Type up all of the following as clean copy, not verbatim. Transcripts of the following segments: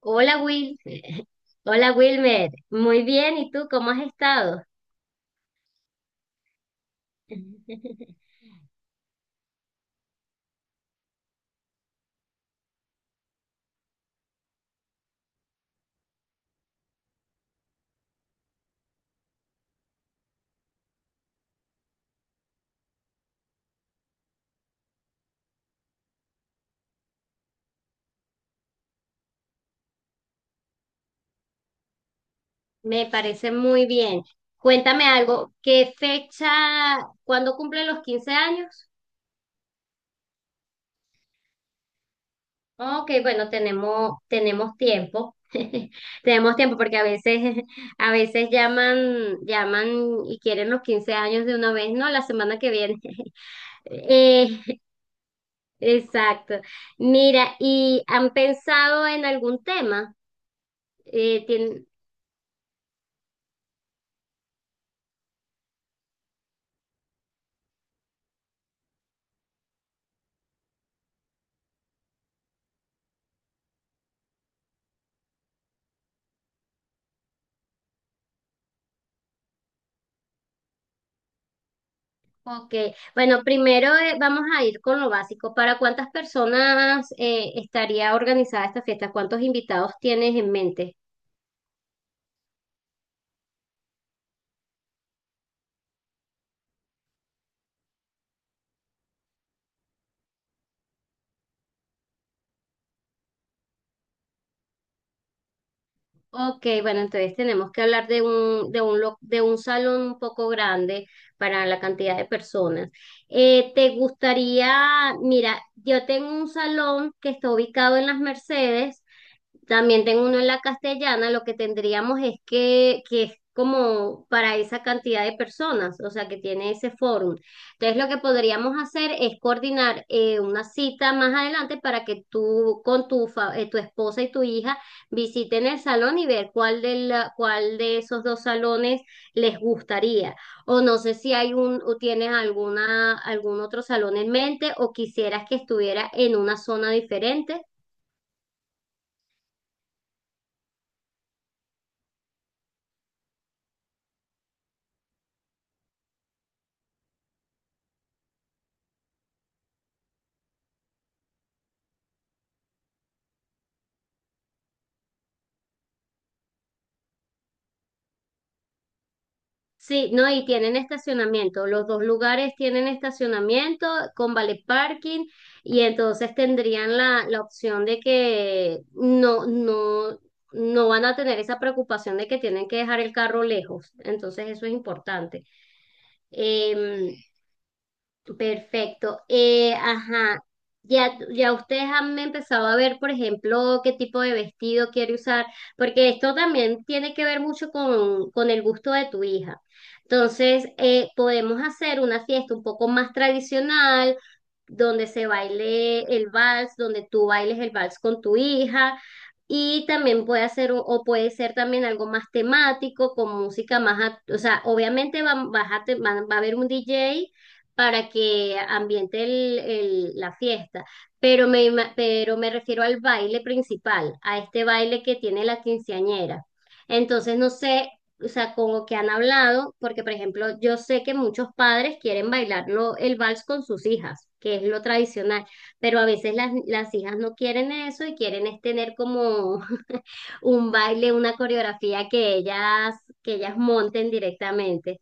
Hola, Will. Hola, Wilmer, muy bien, ¿y tú cómo has estado? Me parece muy bien. Cuéntame algo, ¿qué fecha, cuándo cumple los 15 años? Ok, bueno, tenemos tiempo. Tenemos tiempo porque a veces, a veces llaman y quieren los 15 años de una vez. No, la semana que viene. Eh, exacto. Mira, ¿y han pensado en algún tema? Eh, tien- Ok, bueno, primero vamos a ir con lo básico. ¿Para cuántas personas estaría organizada esta fiesta? ¿Cuántos invitados tienes en mente? Ok, bueno, entonces tenemos que hablar de un salón un poco grande para la cantidad de personas. ¿Te gustaría? Mira, yo tengo un salón que está ubicado en Las Mercedes, también tengo uno en la Castellana. Lo que tendríamos es que es como para esa cantidad de personas, o sea, que tiene ese fórum. Entonces, lo que podríamos hacer es coordinar una cita más adelante para que tú con tu esposa y tu hija visiten el salón y ver cuál de esos dos salones les gustaría. O no sé si hay un, o tienes algún otro salón en mente, o quisieras que estuviera en una zona diferente. Sí, no, y tienen estacionamiento. Los dos lugares tienen estacionamiento con vale parking, y entonces tendrían la opción de que no van a tener esa preocupación de que tienen que dejar el carro lejos. Entonces eso es importante. Em, Perfecto Ajá. Ya, ya ustedes han empezado a ver, por ejemplo, qué tipo de vestido quiere usar, porque esto también tiene que ver mucho con el gusto de tu hija. Entonces, podemos hacer una fiesta un poco más tradicional, donde se baile el vals, donde tú bailes el vals con tu hija. Y también puede hacer, o puede ser también algo más temático, con música más, o sea, obviamente va, vas a te- va, va a haber un DJ para que ambiente la fiesta, pero me refiero al baile principal, a este baile que tiene la quinceañera. Entonces, no sé, o sea, con lo que han hablado, porque por ejemplo, yo sé que muchos padres quieren bailarlo el vals con sus hijas, que es lo tradicional. Pero a veces las hijas no quieren eso y quieren es tener como un baile, una coreografía que ellas monten directamente.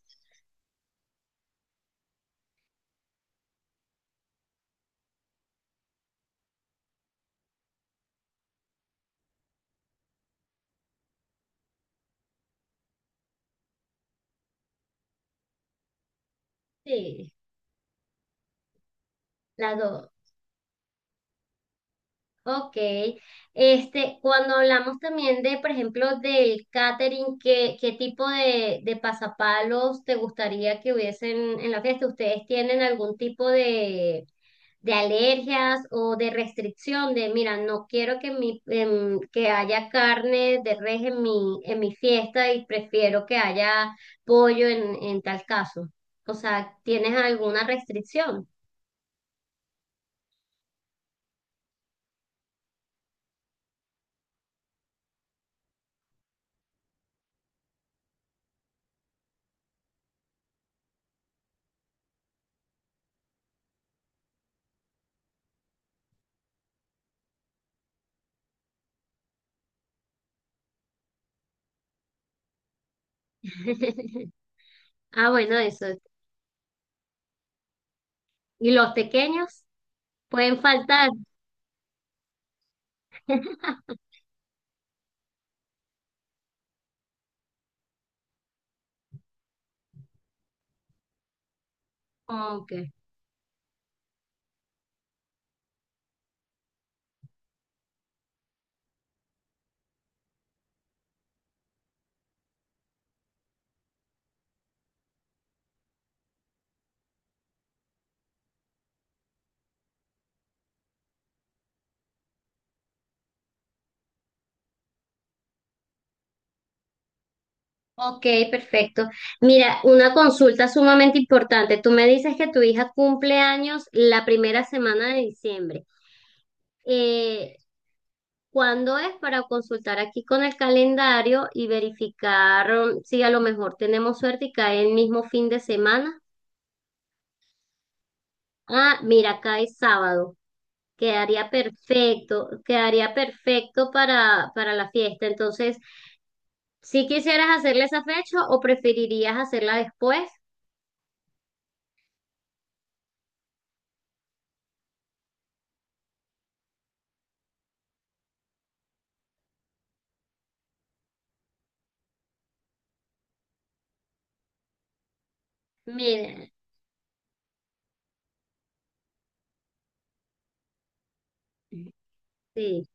Sí, las dos. Ok, este, cuando hablamos también de, por ejemplo, del catering, ¿qué tipo de pasapalos te gustaría que hubiesen en la fiesta? ¿Ustedes tienen algún tipo de alergias o de restricción de? Mira, no quiero que haya carne de res en en mi fiesta y prefiero que haya pollo en tal caso. O sea, ¿tienes alguna restricción? Ah, bueno, eso. ¿Y los pequeños? Pueden faltar. Ok. Ok, perfecto. Mira, una consulta sumamente importante. Tú me dices que tu hija cumple años la primera semana de diciembre. Eh, ¿Cuándo es, para consultar aquí con el calendario y verificar si a lo mejor tenemos suerte y cae el mismo fin de semana? Ah, mira, cae sábado. Quedaría perfecto para la fiesta. Entonces, si quisieras hacerla esa fecha o preferirías hacerla después, mira, sí.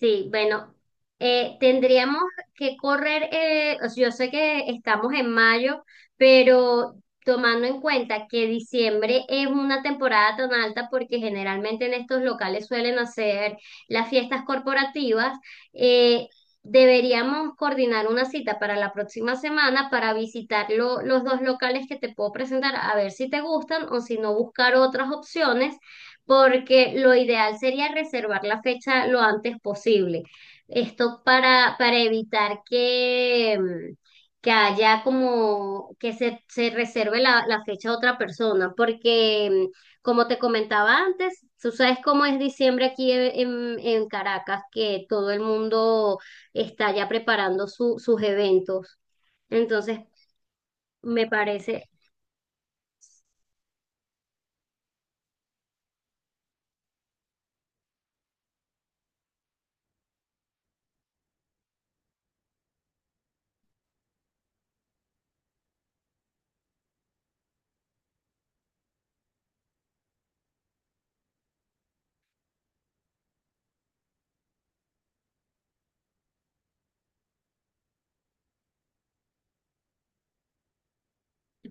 Sí, bueno, tendríamos que correr, o sea, yo sé que estamos en mayo, pero tomando en cuenta que diciembre es una temporada tan alta porque generalmente en estos locales suelen hacer las fiestas corporativas, eh, deberíamos coordinar una cita para la próxima semana para visitar los dos locales que te puedo presentar, a ver si te gustan o si no buscar otras opciones, porque lo ideal sería reservar la fecha lo antes posible. Esto para evitar que haya como que se reserve la fecha a otra persona, porque como te comentaba antes, tú sabes cómo es diciembre aquí en Caracas, que todo el mundo está ya preparando sus eventos. Entonces, me parece.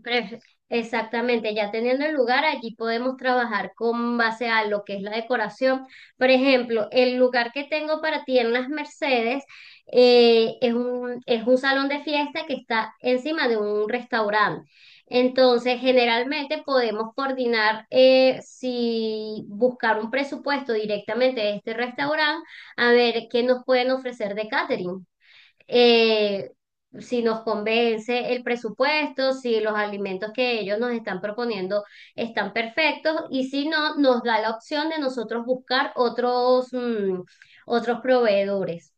Pref- Exactamente, ya teniendo el lugar, allí podemos trabajar con base a lo que es la decoración. Por ejemplo, el lugar que tengo para ti en las Mercedes es es un salón de fiesta que está encima de un restaurante. Entonces, generalmente podemos coordinar si buscar un presupuesto directamente de este restaurante, a ver qué nos pueden ofrecer de catering, eh, si nos convence el presupuesto, si los alimentos que ellos nos están proponiendo están perfectos. Y si no, nos da la opción de nosotros buscar otros proveedores.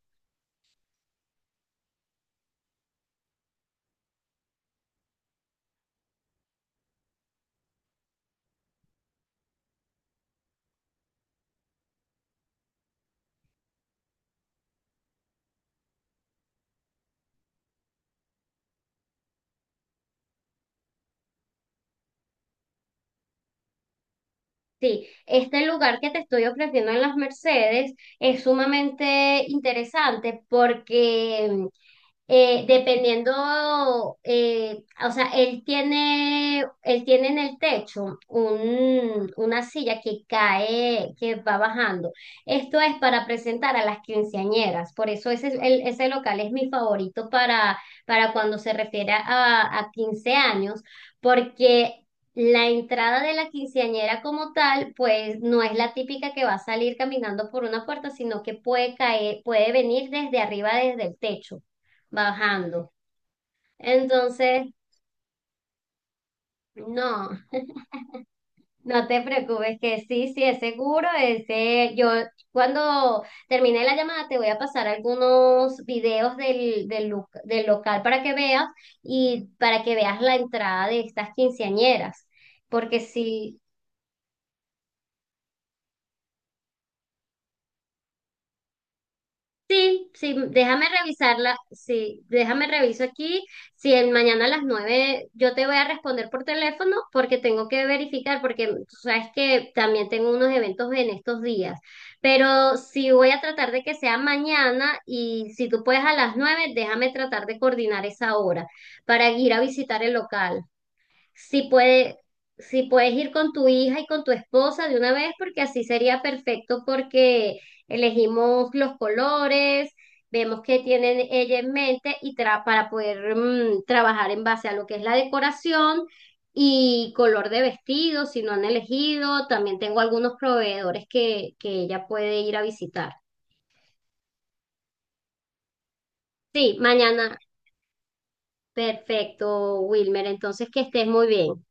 Sí, este lugar que te estoy ofreciendo en Las Mercedes es sumamente interesante porque dependiendo, o sea, él tiene en el techo una silla que cae, que va bajando. Esto es para presentar a las quinceañeras, por eso ese local es mi favorito para cuando se refiere a 15 años, porque... La entrada de la quinceañera como tal, pues no es la típica que va a salir caminando por una puerta, sino que puede caer, puede venir desde arriba, desde el techo bajando. Entonces, no, no te preocupes que sí, sí, es seguro, ese. Yo cuando termine la llamada te voy a pasar algunos videos del local para que veas, y para que veas la entrada de estas quinceañeras, porque sí. Sí, sí, déjame revisarla, sí, déjame reviso aquí, si el mañana a las 9 yo te voy a responder por teléfono, porque tengo que verificar, porque tú sabes que también tengo unos eventos en estos días, pero sí voy a tratar de que sea mañana y si tú puedes a las 9, déjame tratar de coordinar esa hora para ir a visitar el local, si puede, si puedes ir con tu hija y con tu esposa de una vez, porque así sería perfecto porque elegimos los colores, vemos qué tienen ella en mente y para poder trabajar en base a lo que es la decoración y color de vestido, si no han elegido. También tengo algunos proveedores que ella puede ir a visitar. Sí, mañana. Perfecto, Wilmer. Entonces, que estés muy bien.